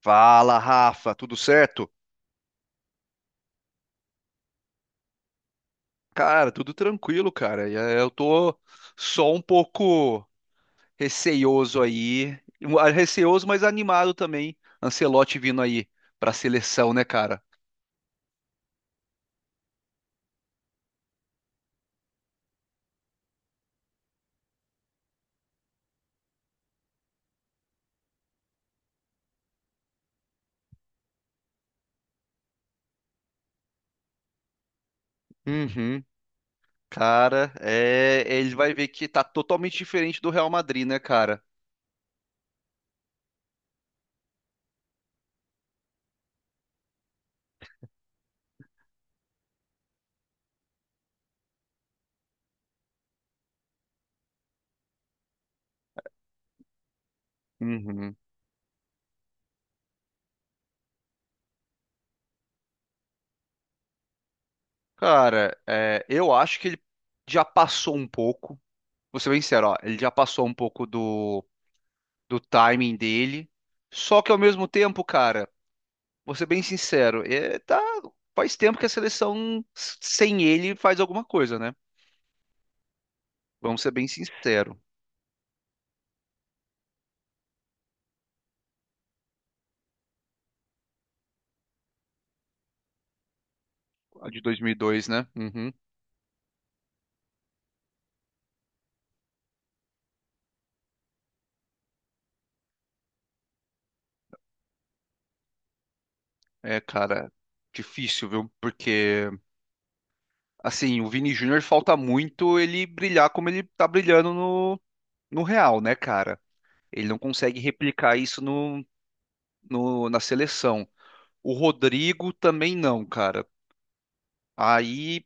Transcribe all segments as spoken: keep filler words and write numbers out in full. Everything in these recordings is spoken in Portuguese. Fala, Rafa, tudo certo? Cara, tudo tranquilo, cara. E, eh, eu tô só um pouco receioso aí, Um, ah, receoso, mas animado também. Ancelotti vindo aí pra seleção, né, cara? Uhum. Cara, é, ele vai ver que tá totalmente diferente do Real Madrid, né, cara? Uhum. Cara, é, eu acho que ele já passou um pouco. Vou ser bem sincero, ó, ele já passou um pouco do, do timing dele. Só que ao mesmo tempo, cara. Vou ser bem sincero, é, tá, faz tempo que a seleção s- sem ele faz alguma coisa, né? Vamos ser bem sincero. A de dois mil e dois, né? Uhum. É, cara, difícil, viu? Porque, assim, o Vini Júnior falta muito ele brilhar como ele tá brilhando no, no Real, né, cara? Ele não consegue replicar isso no, no, na seleção. O Rodrigo também não, cara. Aí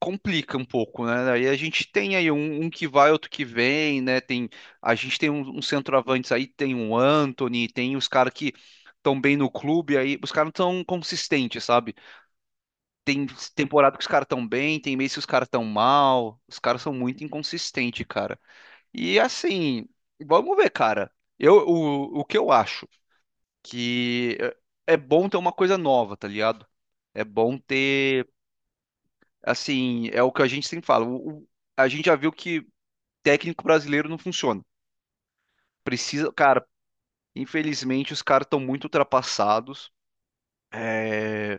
complica um pouco, né? Aí a gente tem aí um, um que vai, outro que vem, né? Tem, a gente tem uns um, centroavantes aí, tem um Anthony, tem os caras que estão bem no clube, aí os caras não tão consistentes, sabe? Tem temporada que os caras estão bem, tem mês que os caras estão mal, os caras são muito inconsistentes, cara. E assim, vamos ver, cara. Eu, o, o que eu acho que é é bom ter uma coisa nova, tá ligado? É bom ter assim, é o que a gente sempre fala. O- o- a gente já viu que técnico brasileiro não funciona. Precisa, cara, infelizmente os caras estão muito ultrapassados. É,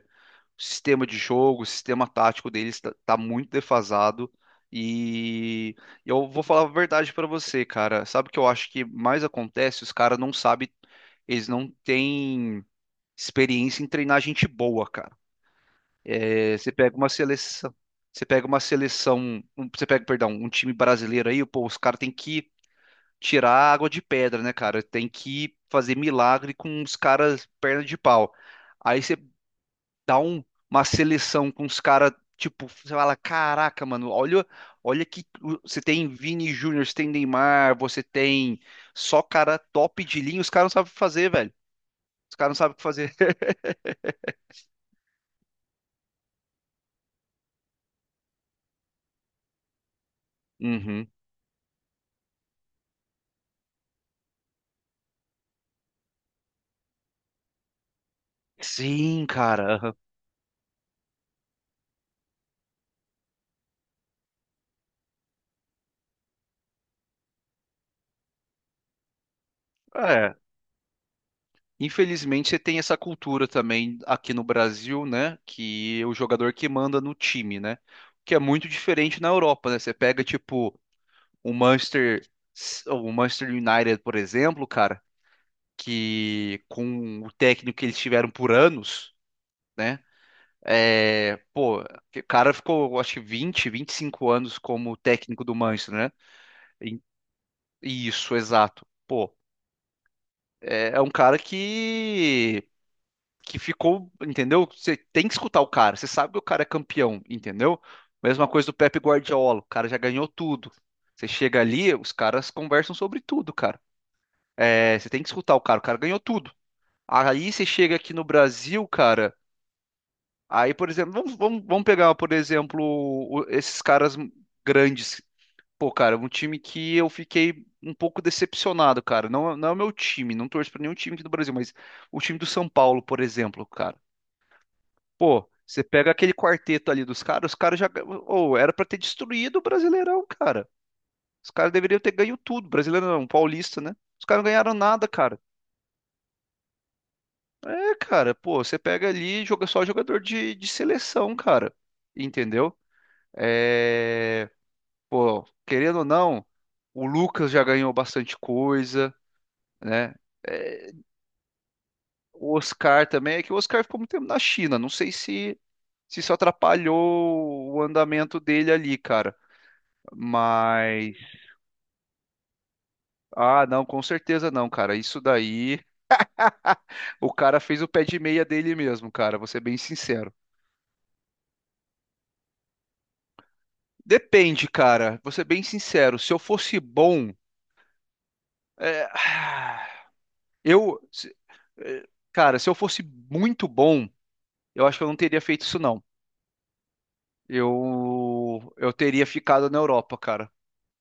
o sistema de jogo, o sistema tático deles tá, tá muito defasado. E eu vou falar a verdade pra você, cara. Sabe o que eu acho que mais acontece? Os caras não sabem, eles não têm experiência em treinar gente boa, cara. É, você pega uma seleção, você pega uma seleção, um- você pega, perdão, um time brasileiro aí, pô, os caras têm que tirar a água de pedra, né, cara? Tem que fazer milagre com os caras perna de pau. Aí você dá um- uma seleção com os caras, tipo, você fala, caraca, mano, olha, olha que você tem Vini Júnior, você tem Neymar, você tem só cara top de linha, os caras não sabem o que fazer, velho. Os caras não sabem o que fazer. Uhum. Sim, cara. Aham. É. Infelizmente, você tem essa cultura também aqui no Brasil, né? Que é o jogador que manda no time, né? Que é muito diferente na Europa, né? Você pega, tipo, o Manchester, o Manchester United, por exemplo, cara, que com o técnico que eles tiveram por anos, né? É, pô, que o cara ficou, eu acho que vinte vinte e cinco anos como técnico do Manchester, né? E- Isso, exato. Pô, é é um cara que que ficou, entendeu? Você tem que escutar o cara, você sabe que o cara é campeão, entendeu? Mesma coisa do Pep Guardiola, o cara já ganhou tudo. Você chega ali, os caras conversam sobre tudo, cara. É, você tem que escutar o cara, o cara ganhou tudo. Aí você chega aqui no Brasil, cara. Aí, por exemplo, vamos, vamos, vamos pegar, por exemplo, o- esses caras grandes. Pô, cara, um time que eu fiquei um pouco decepcionado, cara. Não, não é o meu time, não torço pra nenhum time aqui do Brasil, mas o time do São Paulo, por exemplo, cara. Pô, você pega aquele quarteto ali dos caras, os caras já. Ou era pra ter destruído o Brasileirão, cara. Os caras deveriam ter ganho tudo. Brasileiro não, paulista, né? Os caras não ganharam nada, cara. É, cara, pô, você pega ali e joga só jogador de, de seleção, cara. Entendeu? É. Pô, querendo ou não, o Lucas já ganhou bastante coisa, né? É, o Oscar também, é que o Oscar ficou muito tempo na China. Não sei se, se isso atrapalhou o andamento dele ali, cara. Mas, ah, não, com certeza não, cara. Isso daí, o cara fez o pé de meia dele mesmo, cara. Vou ser bem sincero. Depende, cara. Vou ser bem sincero. Se eu fosse bom, é, eu, se- é, cara, se eu fosse muito bom, eu acho que eu não teria feito isso, não. Eu, eu teria ficado na Europa, cara.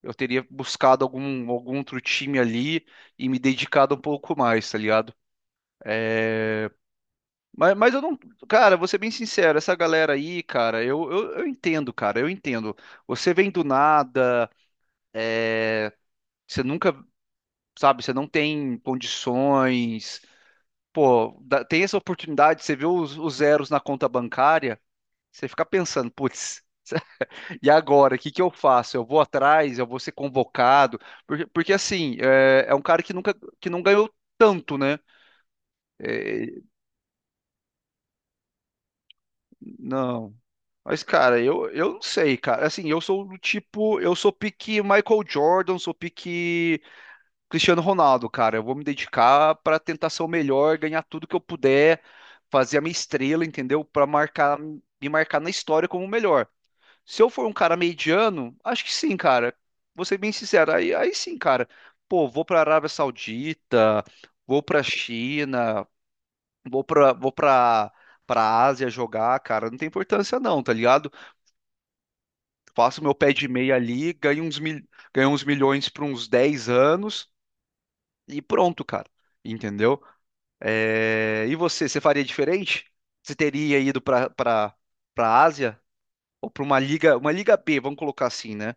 Eu teria buscado algum, algum outro time ali e me dedicado um pouco mais, tá ligado? Mas, mas eu não. Cara, vou ser bem sincero, essa galera aí, cara, eu, eu, eu entendo, cara, eu entendo. Você vem do nada, você nunca, sabe, você não tem condições. Pô, dá- tem essa oportunidade, você vê os, os zeros na conta bancária, você fica pensando, putz, e agora, o que que eu faço? Eu vou atrás, eu vou ser convocado? Porque, porque assim, é, é um cara que nunca, que não ganhou tanto, né? É, não. Mas, cara, eu, eu não sei, cara. Assim, eu sou do tipo. Eu sou pique Michael Jordan, sou pique Cristiano Ronaldo, cara. Eu vou me dedicar pra tentar ser o melhor, ganhar tudo que eu puder, fazer a minha estrela, entendeu? Pra marcar, me marcar na história como o melhor. Se eu for um cara mediano, acho que sim, cara. Vou ser bem sincero. Aí, aí sim, cara. Pô, vou pra Arábia Saudita, vou pra China, vou pra, vou pra, pra Ásia jogar, cara. Não tem importância, não, tá ligado? Faço meu pé de meia ali, ganho uns, mil, ganho uns milhões por uns dez anos e pronto, cara. Entendeu? É, E você, você, faria diferente? Você teria ido para para para Ásia ou para uma liga, uma liga B, vamos colocar assim, né?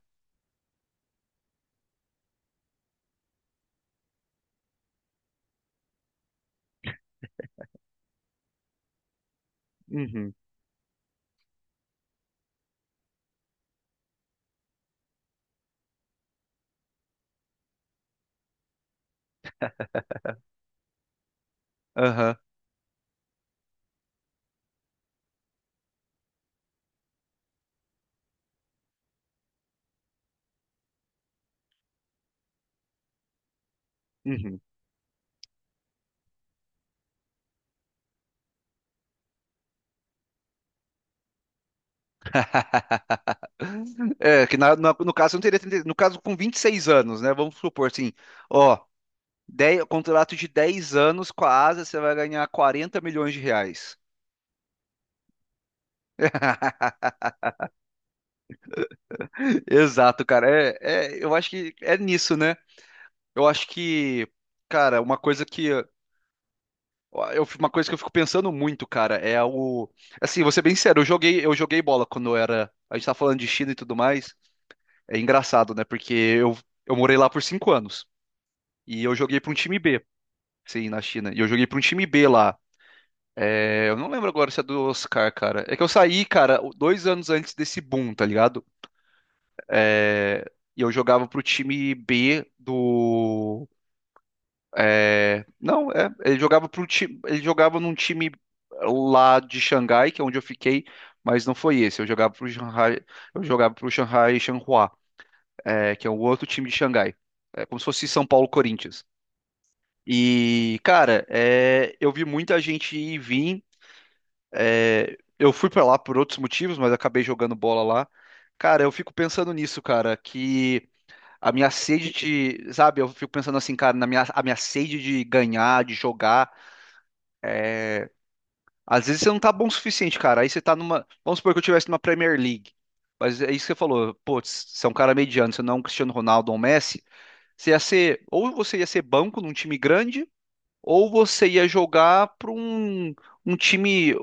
Uhum. Aham. Uhum. É, que na- na- no caso eu não teria trinta no caso com vinte e seis anos, né? Vamos supor assim, ó, dez contrato de dez anos com a Ásia, você vai ganhar quarenta milhões de reais. Exato, cara. É, é, eu acho que é nisso, né? Eu acho que, cara, uma coisa que eu, uma coisa que eu fico pensando muito, cara, é o, assim, vou ser bem sincero, eu joguei, eu joguei bola quando eu era, a gente tá falando de China e tudo mais. É engraçado, né? Porque eu, eu morei lá por cinco anos e eu joguei pra um time B, sim, na China. E eu joguei pra um time B lá. É, eu não lembro agora se é do Oscar, cara. É que eu saí, cara, dois anos antes desse boom, tá ligado? É, e eu jogava pro time B do É, não, é, ele jogava pro time, ele jogava num time lá de Xangai, que é onde eu fiquei, mas não foi esse. Eu jogava pro Shanghai, eu jogava pro Shanghai Shenhua, é, que é o outro time de Xangai. É como se fosse São Paulo Corinthians. E, cara, é, eu vi muita gente ir e vir. É, eu fui pra lá por outros motivos, mas acabei jogando bola lá. Cara, eu fico pensando nisso, cara, que a minha sede de, sabe, eu fico pensando assim, cara, na minha, a minha sede de ganhar, de jogar, é, às vezes você não tá bom o suficiente, cara. Aí você tá numa. Vamos supor que eu tivesse numa Premier League. Mas é isso que você falou. Putz, você é um cara mediano, você não é um Cristiano Ronaldo ou um Messi. Você ia ser. Ou você ia ser banco num time grande, ou você ia jogar pra um, um time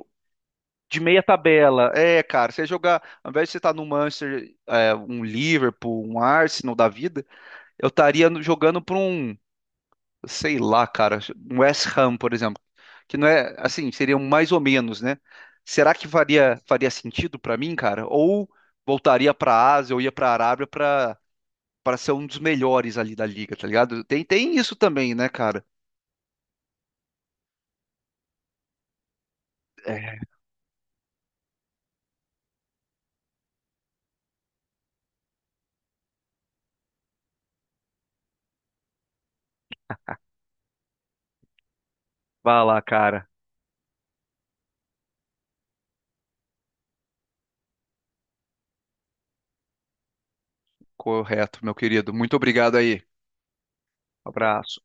de meia tabela. É, cara, você ia jogar. Ao invés de você estar no Manchester, é, um Liverpool, um Arsenal da vida, eu estaria no- jogando pra um sei lá, cara, um West Ham, por exemplo, que não é assim, seriam mais ou menos, né? Será que faria, faria sentido pra mim, cara? Ou voltaria pra Ásia ou ia pra Arábia pra para ser um dos melhores ali da liga, tá ligado? Tem, tem isso também, né, cara? É, vá lá, cara. Correto, meu querido. Muito obrigado aí. Abraço.